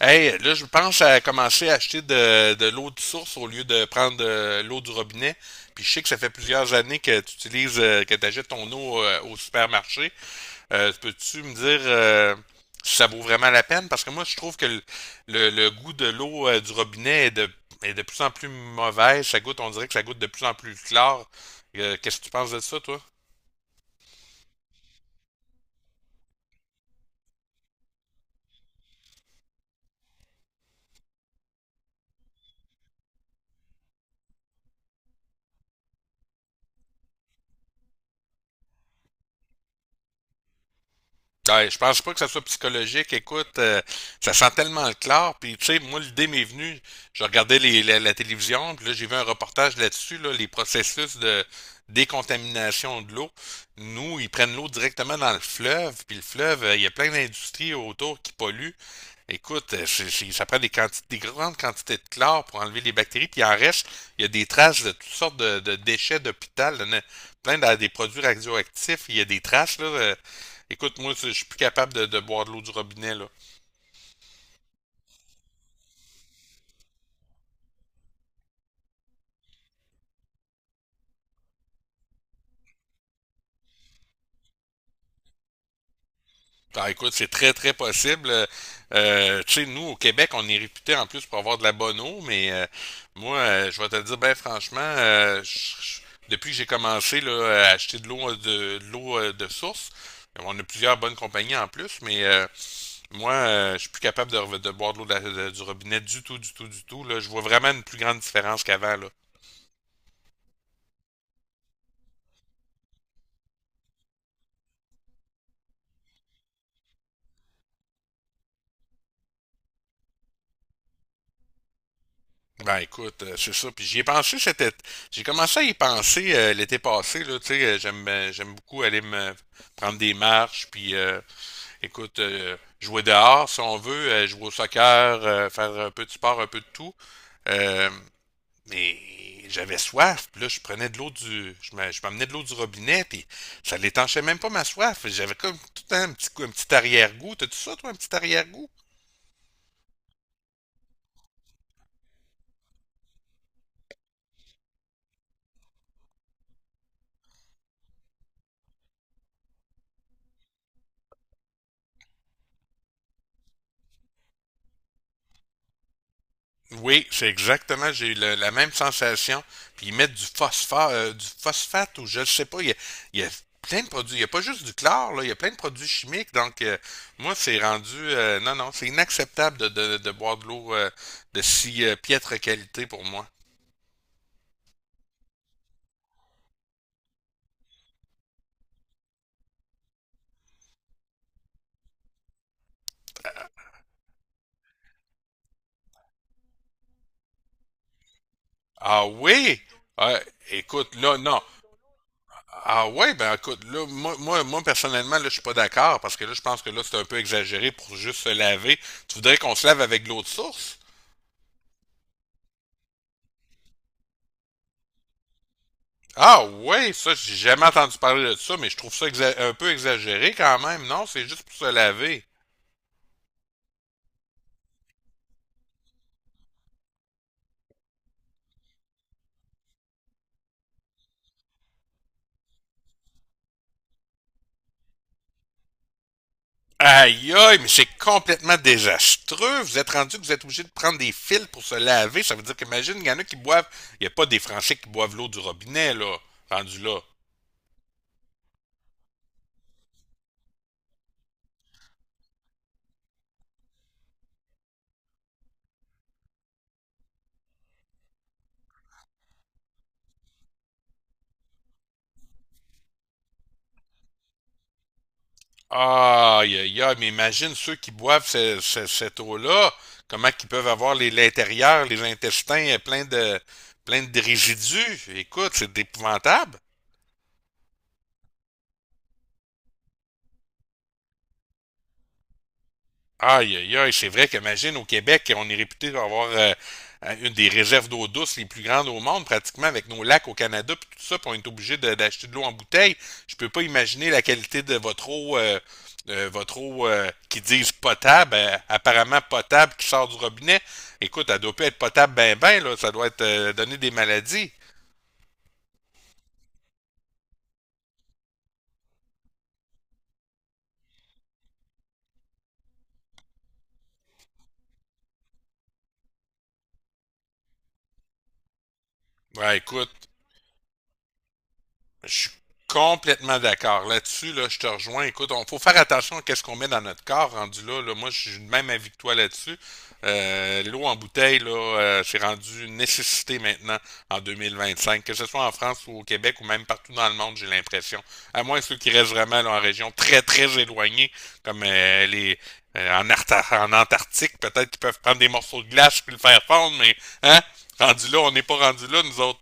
Hey, là, je pense à commencer à acheter de l'eau de source au lieu de prendre de l'eau du robinet. Puis je sais que ça fait plusieurs années que tu utilises, que tu achètes ton eau au supermarché. Peux-tu me dire si ça vaut vraiment la peine? Parce que moi, je trouve que le goût de l'eau du robinet est de plus en plus mauvais. Ça goûte, on dirait que ça goûte de plus en plus clair. Qu'est-ce que tu penses de ça, toi? Ouais, je pense pas que ça soit psychologique. Écoute, ça sent tellement le clair. Puis, tu sais, moi, l'idée m'est venue. Je regardais la télévision, puis là, j'ai vu un reportage là-dessus, là, les processus de décontamination de l'eau. Nous, ils prennent l'eau directement dans le fleuve, puis le fleuve, il y a plein d'industries autour qui polluent. Écoute, ça prend des grandes quantités de chlore pour enlever les bactéries, puis il en reste, il y a des traces de toutes sortes de déchets d'hôpital, des produits radioactifs, il y a des traces, là. Écoute, moi, je suis plus capable de boire de l'eau du robinet, là. Ah, écoute, c'est très, très possible. Tu sais, nous, au Québec, on est réputé en plus pour avoir de la bonne eau, mais moi, je vais te le dire, ben franchement, je- depuis que j'ai commencé là, à acheter de l'eau de l'eau de source, on a plusieurs bonnes compagnies en plus, mais moi, je suis plus capable de boire de l'eau du robinet du tout, du tout, du tout. Là. Je vois vraiment une plus grande différence qu'avant, là. Ben écoute, c'est ça. Puis j'y ai pensé cet été. J'ai commencé à y penser l'été passé, là, tu sais, j'aime beaucoup aller me prendre des marches, puis écoute, jouer dehors si on veut, jouer au soccer, faire un peu de sport, un peu de tout. Euh, mais j'avais soif, puis là, je m'amenais de l'eau du robinet, puis ça l'étanchait même pas ma soif. J'avais comme tout le temps un petit, un petit arrière-goût. T'as-tu ça, toi, un petit arrière-goût? Oui, c'est exactement, j'ai eu la même sensation. Puis ils mettent du phosphore, du phosphate ou je ne sais pas. Il y a plein de produits. Il n'y a pas juste du chlore, là, il y a plein de produits chimiques. Donc, moi, c'est rendu. Non, non, c'est inacceptable de boire de l'eau de si piètre qualité pour moi. Ah oui? Ah, écoute, là, non. Ah ouais, ben écoute, là, moi, personnellement, là, je suis pas d'accord parce que là, je pense que là, c'est un peu exagéré pour juste se laver. Tu voudrais qu'on se lave avec de l'eau de source? Ah ouais, ça, j'ai jamais entendu parler de ça, mais je trouve ça un peu exagéré quand même, non? C'est juste pour se laver. Aïe aïe, mais c'est complètement désastreux. Vous êtes rendu que vous êtes obligé de prendre des fils pour se laver. Ça veut dire qu'imagine, il y en a qui boivent. Il n'y a pas des Français qui boivent l'eau du robinet, là, rendu là. Aïe aïe aïe, mais imagine ceux qui boivent cette eau-là, comment qu'ils peuvent avoir l'intérieur, les intestins plein de résidus. Écoute, c'est épouvantable. Aïe, aïe, aïe, c'est vrai qu'imagine, au Québec, on est réputé avoir une des réserves d'eau douce les plus grandes au monde, pratiquement avec nos lacs au Canada, puis tout ça, puis on est obligé d'acheter de l'eau en bouteille. Je peux pas imaginer la qualité de votre eau qui disent potable, apparemment potable, qui sort du robinet. Écoute, elle doit pas être potable ben ben, là, ça doit être donner des maladies. Ouais, écoute, je suis complètement d'accord. Là-dessus, là, je te rejoins. Écoute, il faut faire attention à ce qu'on met dans notre corps rendu là. Là. Moi, je suis de même avis que toi là-dessus. L'eau en bouteille, là, c'est rendu une nécessité maintenant en 2025. Que ce soit en France ou au Québec ou même partout dans le monde, j'ai l'impression. À moins ceux qui restent vraiment là, en région très, très éloignée, comme les en Antarctique, peut-être qu'ils peuvent prendre des morceaux de glace puis le faire fondre, mais hein, rendu là, on n'est pas rendu là, nous autres.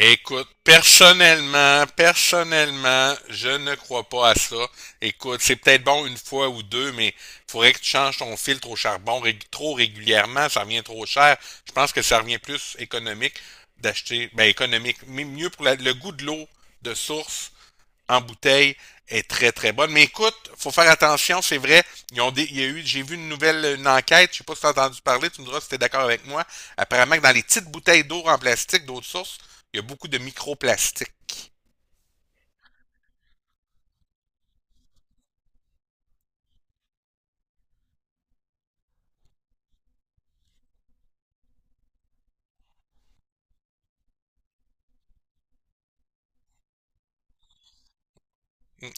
Écoute, personnellement, personnellement, je ne crois pas à ça. Écoute, c'est peut-être bon une fois ou deux, mais faudrait que tu changes ton filtre au charbon trop régulièrement, ça revient trop cher. Je pense que ça revient plus économique d'acheter, ben économique, mais mieux pour le goût de l'eau de source en bouteille est très très bonne. Mais écoute, il faut faire attention, c'est vrai. Il y a eu, j'ai vu une enquête, je ne sais pas si tu as entendu parler, tu me diras si tu es d'accord avec moi. Apparemment que dans les petites bouteilles d'eau en plastique d'autres sources, il y a beaucoup de microplastiques.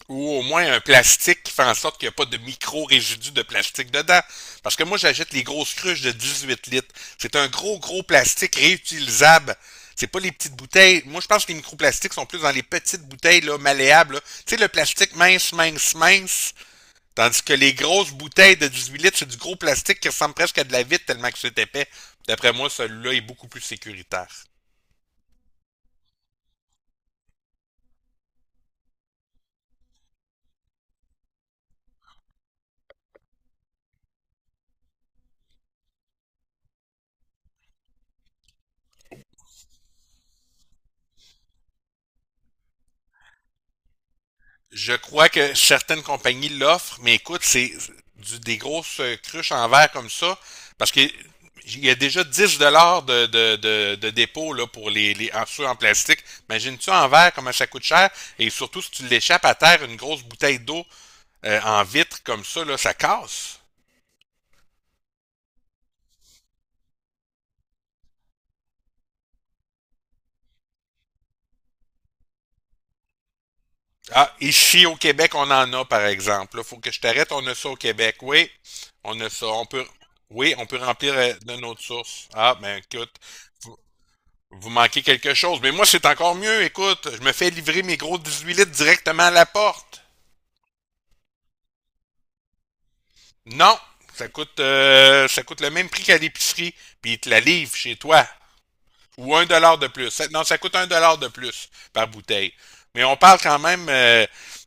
Ou au moins un plastique qui fait en sorte qu'il n'y a pas de micro-résidus de plastique dedans. Parce que moi, j'achète les grosses cruches de 18 litres. C'est un gros, gros plastique réutilisable. C'est pas les petites bouteilles. Moi, je pense que les microplastiques sont plus dans les petites bouteilles là, malléables. Tu sais, le plastique mince, mince, mince. Tandis que les grosses bouteilles de 18 litres, c'est du gros plastique qui ressemble presque à de la vitre tellement que c'est épais. D'après moi, celui-là est beaucoup plus sécuritaire. Je crois que certaines compagnies l'offrent, mais écoute, c'est des grosses cruches en verre comme ça, parce que il y a déjà 10 $ de dépôt là, pour ceux en plastique. Imagine-tu en verre comment ça coûte cher, et surtout si tu l'échappes à terre, une grosse bouteille d'eau en vitre comme ça, là, ça casse. Ah, ici au Québec, on en a, par exemple. Il faut que je t'arrête, on a ça au Québec. Oui, on a ça. On peut, oui, on peut remplir de notre source. Ah, ben écoute, vous, vous manquez quelque chose. Mais moi, c'est encore mieux. Écoute, je me fais livrer mes gros 18 litres directement à la porte. Non, ça coûte le même prix qu'à l'épicerie. Puis ils te la livrent chez toi. Ou 1 $ de plus. Non, ça coûte 1 $ de plus par bouteille. Mais on parle quand même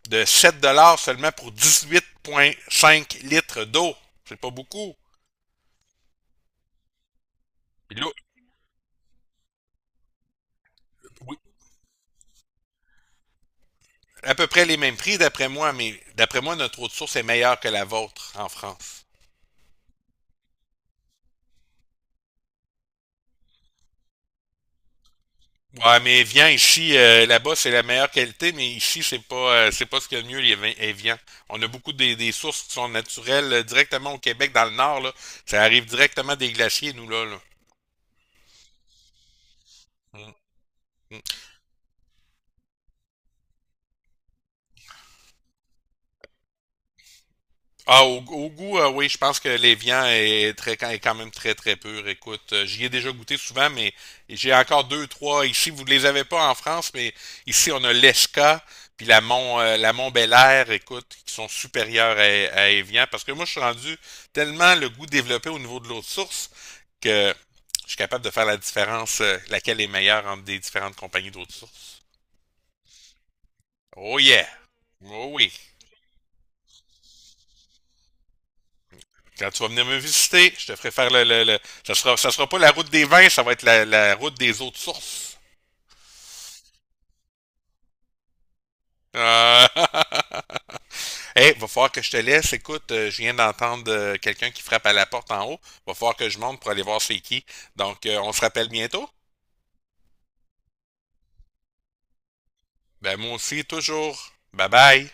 de 7 $ seulement pour 18,5 litres d'eau. C'est pas beaucoup. Puis l'eau- oui, à peu près les mêmes prix d'après moi, mais d'après moi, notre eau de source est meilleure que la vôtre en France. Ouais, mais viens ici, là-bas, c'est la meilleure qualité, mais ici, c'est pas ce qu'il y a de mieux, les vins Evian. On a beaucoup des sources qui sont naturelles directement au Québec, dans le nord, là. Ça arrive directement des glaciers, nous, là, là. Mm, mm. Ah, au, au goût, oui, je pense que l'évian est très quand est quand même très très pur. Écoute, j'y ai déjà goûté souvent, mais j'ai encore deux, trois ici. Vous ne les avez pas en France, mais ici on a l'Esca puis la Mont Air, écoute, qui sont supérieures à Evian. Parce que moi, je suis rendu tellement le goût développé au niveau de l'eau de source que je suis capable de faire la différence, laquelle est meilleure entre des différentes compagnies d'eau de source. Oh yeah! Oh oui! Quand tu vas venir me visiter, je te ferai faire ça sera, ça sera pas la route des vins, ça va être la route des autres sources. Euh... hey, va falloir que je te laisse. Écoute, je viens d'entendre quelqu'un qui frappe à la porte en haut. Va falloir que je monte pour aller voir c'est qui. Donc, on se rappelle bientôt. Ben, moi aussi, toujours. Bye bye.